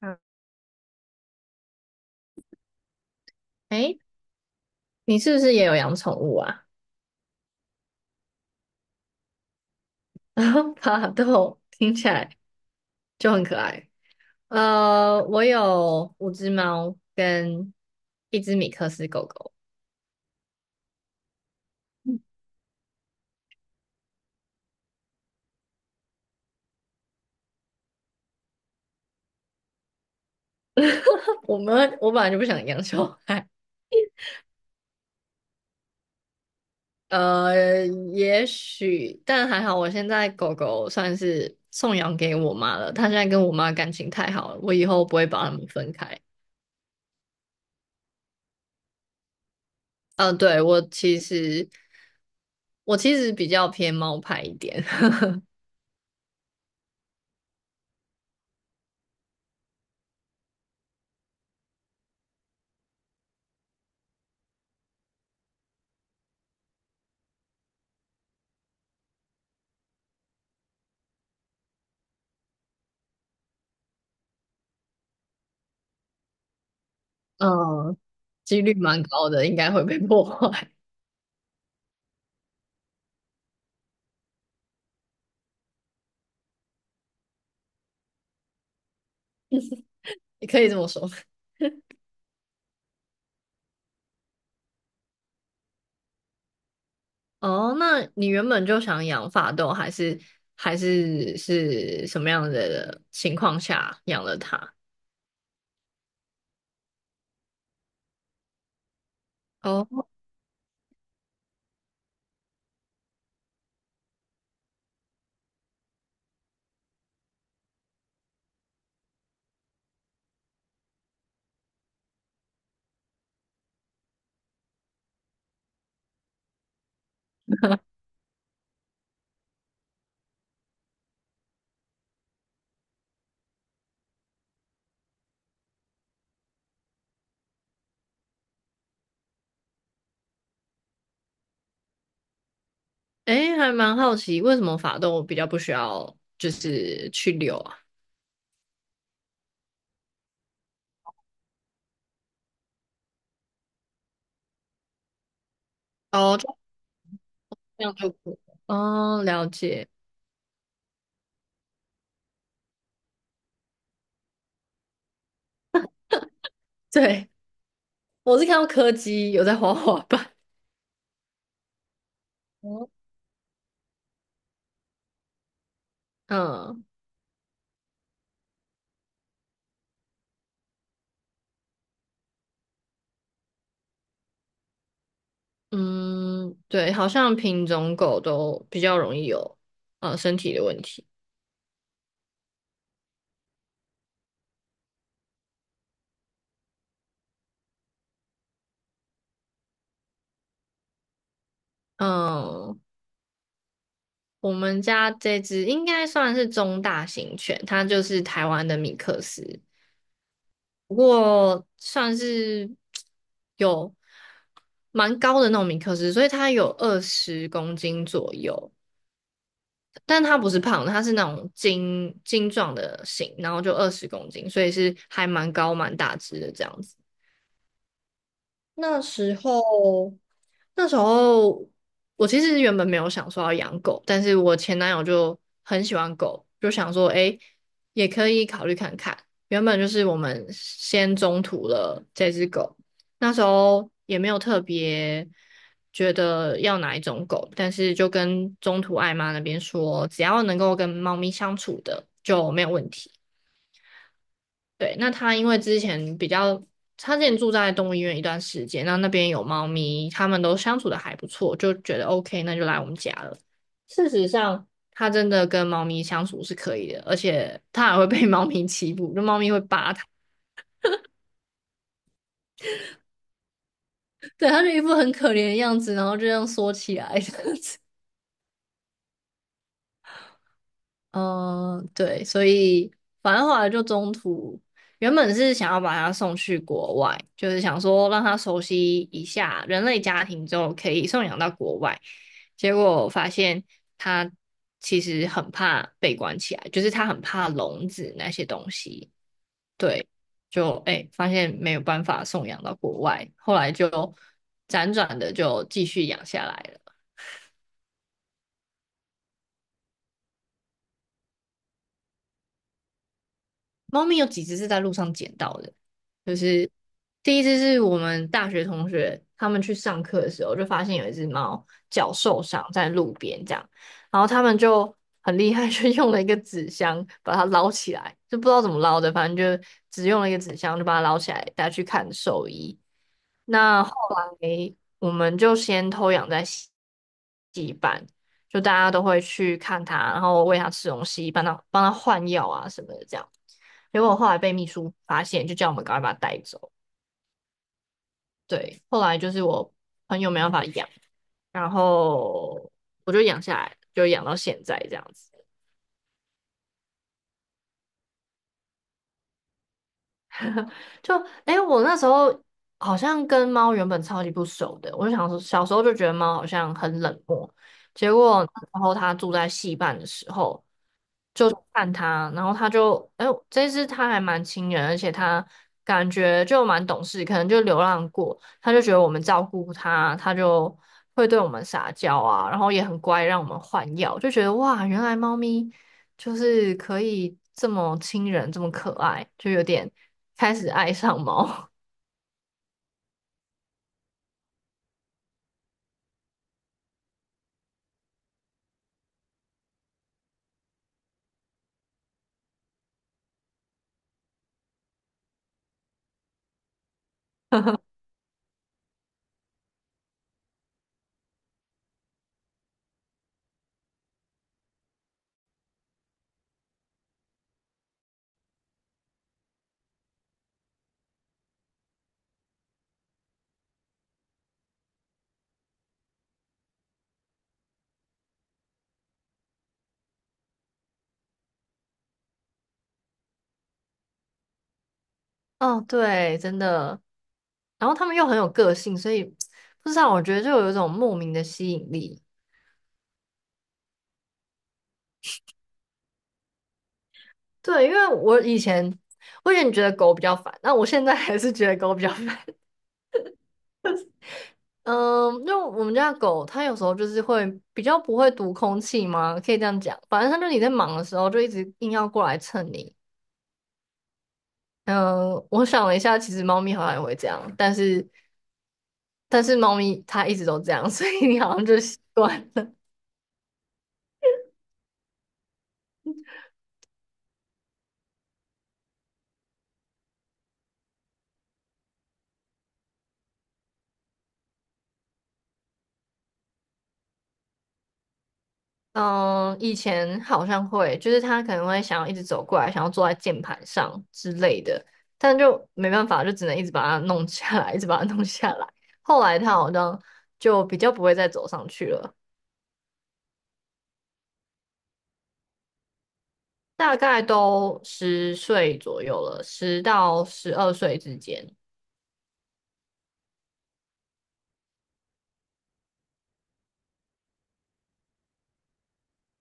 嗯，哎，你是不是也有养宠物啊？然后巴豆听起来就很可爱。我有五只猫跟一只米克斯狗狗。我本来就不想养小孩。呃，也许，但还好，我现在狗狗算是送养给我妈了。它现在跟我妈感情太好了，我以后不会把它们分开。对，我其实比较偏猫派一点。嗯，几率蛮高的，应该会被破坏。也可以这么说。哦，那你原本就想养法斗，还是是什么样的情况下养了它？哦，诶，还蛮好奇，为什么法斗比较不需要就是去遛啊？哦，就这样就可以了哦，了解。对，我是看到柯基有在滑滑板。哦，嗯嗯，对，好像品种狗都比较容易有身体的问题。嗯，我们家这只应该算是中大型犬，它就是台湾的米克斯，不过算是有蛮高的那种米克斯，所以它有二十公斤左右，但它不是胖的，它是那种精精壮的型，然后就二十公斤，所以是还蛮高蛮大只的这样子。那时候，那时候我其实原本没有想说要养狗，但是我前男友就很喜欢狗，就想说，诶，也可以考虑看看。原本就是我们先中途了这只狗，那时候也没有特别觉得要哪一种狗，但是就跟中途爱妈那边说，只要能够跟猫咪相处的就没有问题。对，那他因为之前比较，他之前住在动物医院一段时间，那那边有猫咪，他们都相处的还不错，就觉得 OK,那就来我们家了。事实上，他真的跟猫咪相处是可以的，而且他还会被猫咪欺负，就猫咪会扒他，对，他就一副很可怜的样子，然后就这样缩起来。样子。嗯，对，所以反正后来就中途，原本是想要把它送去国外，就是想说让他熟悉一下人类家庭之后可以送养到国外，结果我发现他其实很怕被关起来，就是他很怕笼子那些东西。对，就哎，发现没有办法送养到国外，后来就辗转的就继续养下来了。猫咪有几只是在路上捡到的，就是第一只是我们大学同学，他们去上课的时候就发现有一只猫脚受伤在路边这样，然后他们就很厉害，就用了一个纸箱把它捞起来，就不知道怎么捞的，反正就只用了一个纸箱就把它捞起来带去看兽医。那后来我们就先偷养在洗西班，就大家都会去看它，然后喂它吃东西，帮它换药啊什么的这样。结果后来被秘书发现，就叫我们赶快把它带走。对，后来就是我朋友没办法养，然后我就养下来，就养到现在这样子。就哎，诶我那时候好像跟猫原本超级不熟的，我就想说，小时候就觉得猫好像很冷漠，结果然后它住在戏办的时候，就看他，然后他就，哎呦这次他还蛮亲人，而且他感觉就蛮懂事，可能就流浪过，他就觉得我们照顾他，他就会对我们撒娇啊，然后也很乖，让我们换药，就觉得哇，原来猫咪就是可以这么亲人，这么可爱，就有点开始爱上猫。哦，对，真的。然后他们又很有个性，所以不知道，我觉得就有一种莫名的吸引力。对，因为我以前觉得狗比较烦，那我现在还是觉得狗比较烦。嗯，因为我们家的狗它有时候就是会比较不会读空气嘛，可以这样讲。反正它就你在忙的时候就一直硬要过来蹭你。嗯，我想了一下，其实猫咪好像也会这样，但是猫咪它一直都这样，所以你好像就习惯了。嗯，以前好像会，就是他可能会想要一直走过来，想要坐在键盘上之类的，但就没办法，就只能一直把它弄下来，一直把它弄下来。后来他好像就比较不会再走上去了，大概都10岁左右了，10到12岁之间。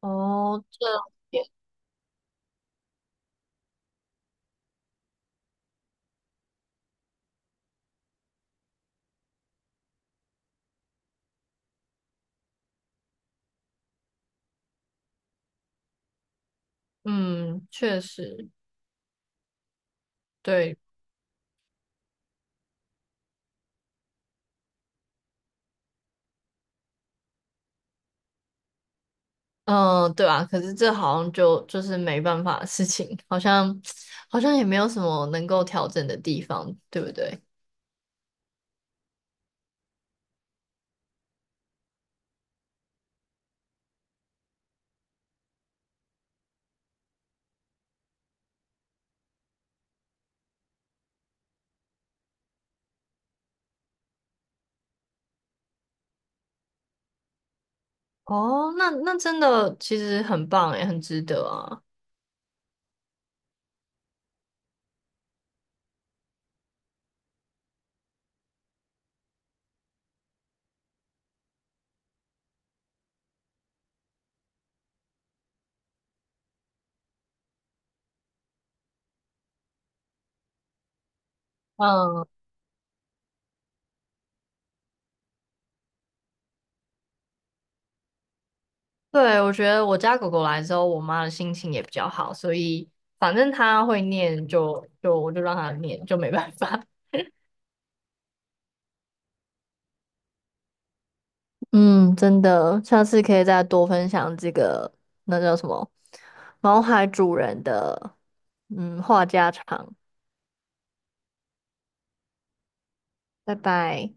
哦，这也，嗯，确实，对，嗯，对啊，可是这好像就是没办法的事情，好像好像也没有什么能够调整的地方，对不对？哦，那那真的其实很棒诶，很值得啊。嗯，对，我觉得我家狗狗来之后，我妈的心情也比较好，所以反正它会念就我就让它念，就没办法。嗯，真的，下次可以再多分享这个，那叫什么，毛孩主人的，嗯，话家常，拜拜。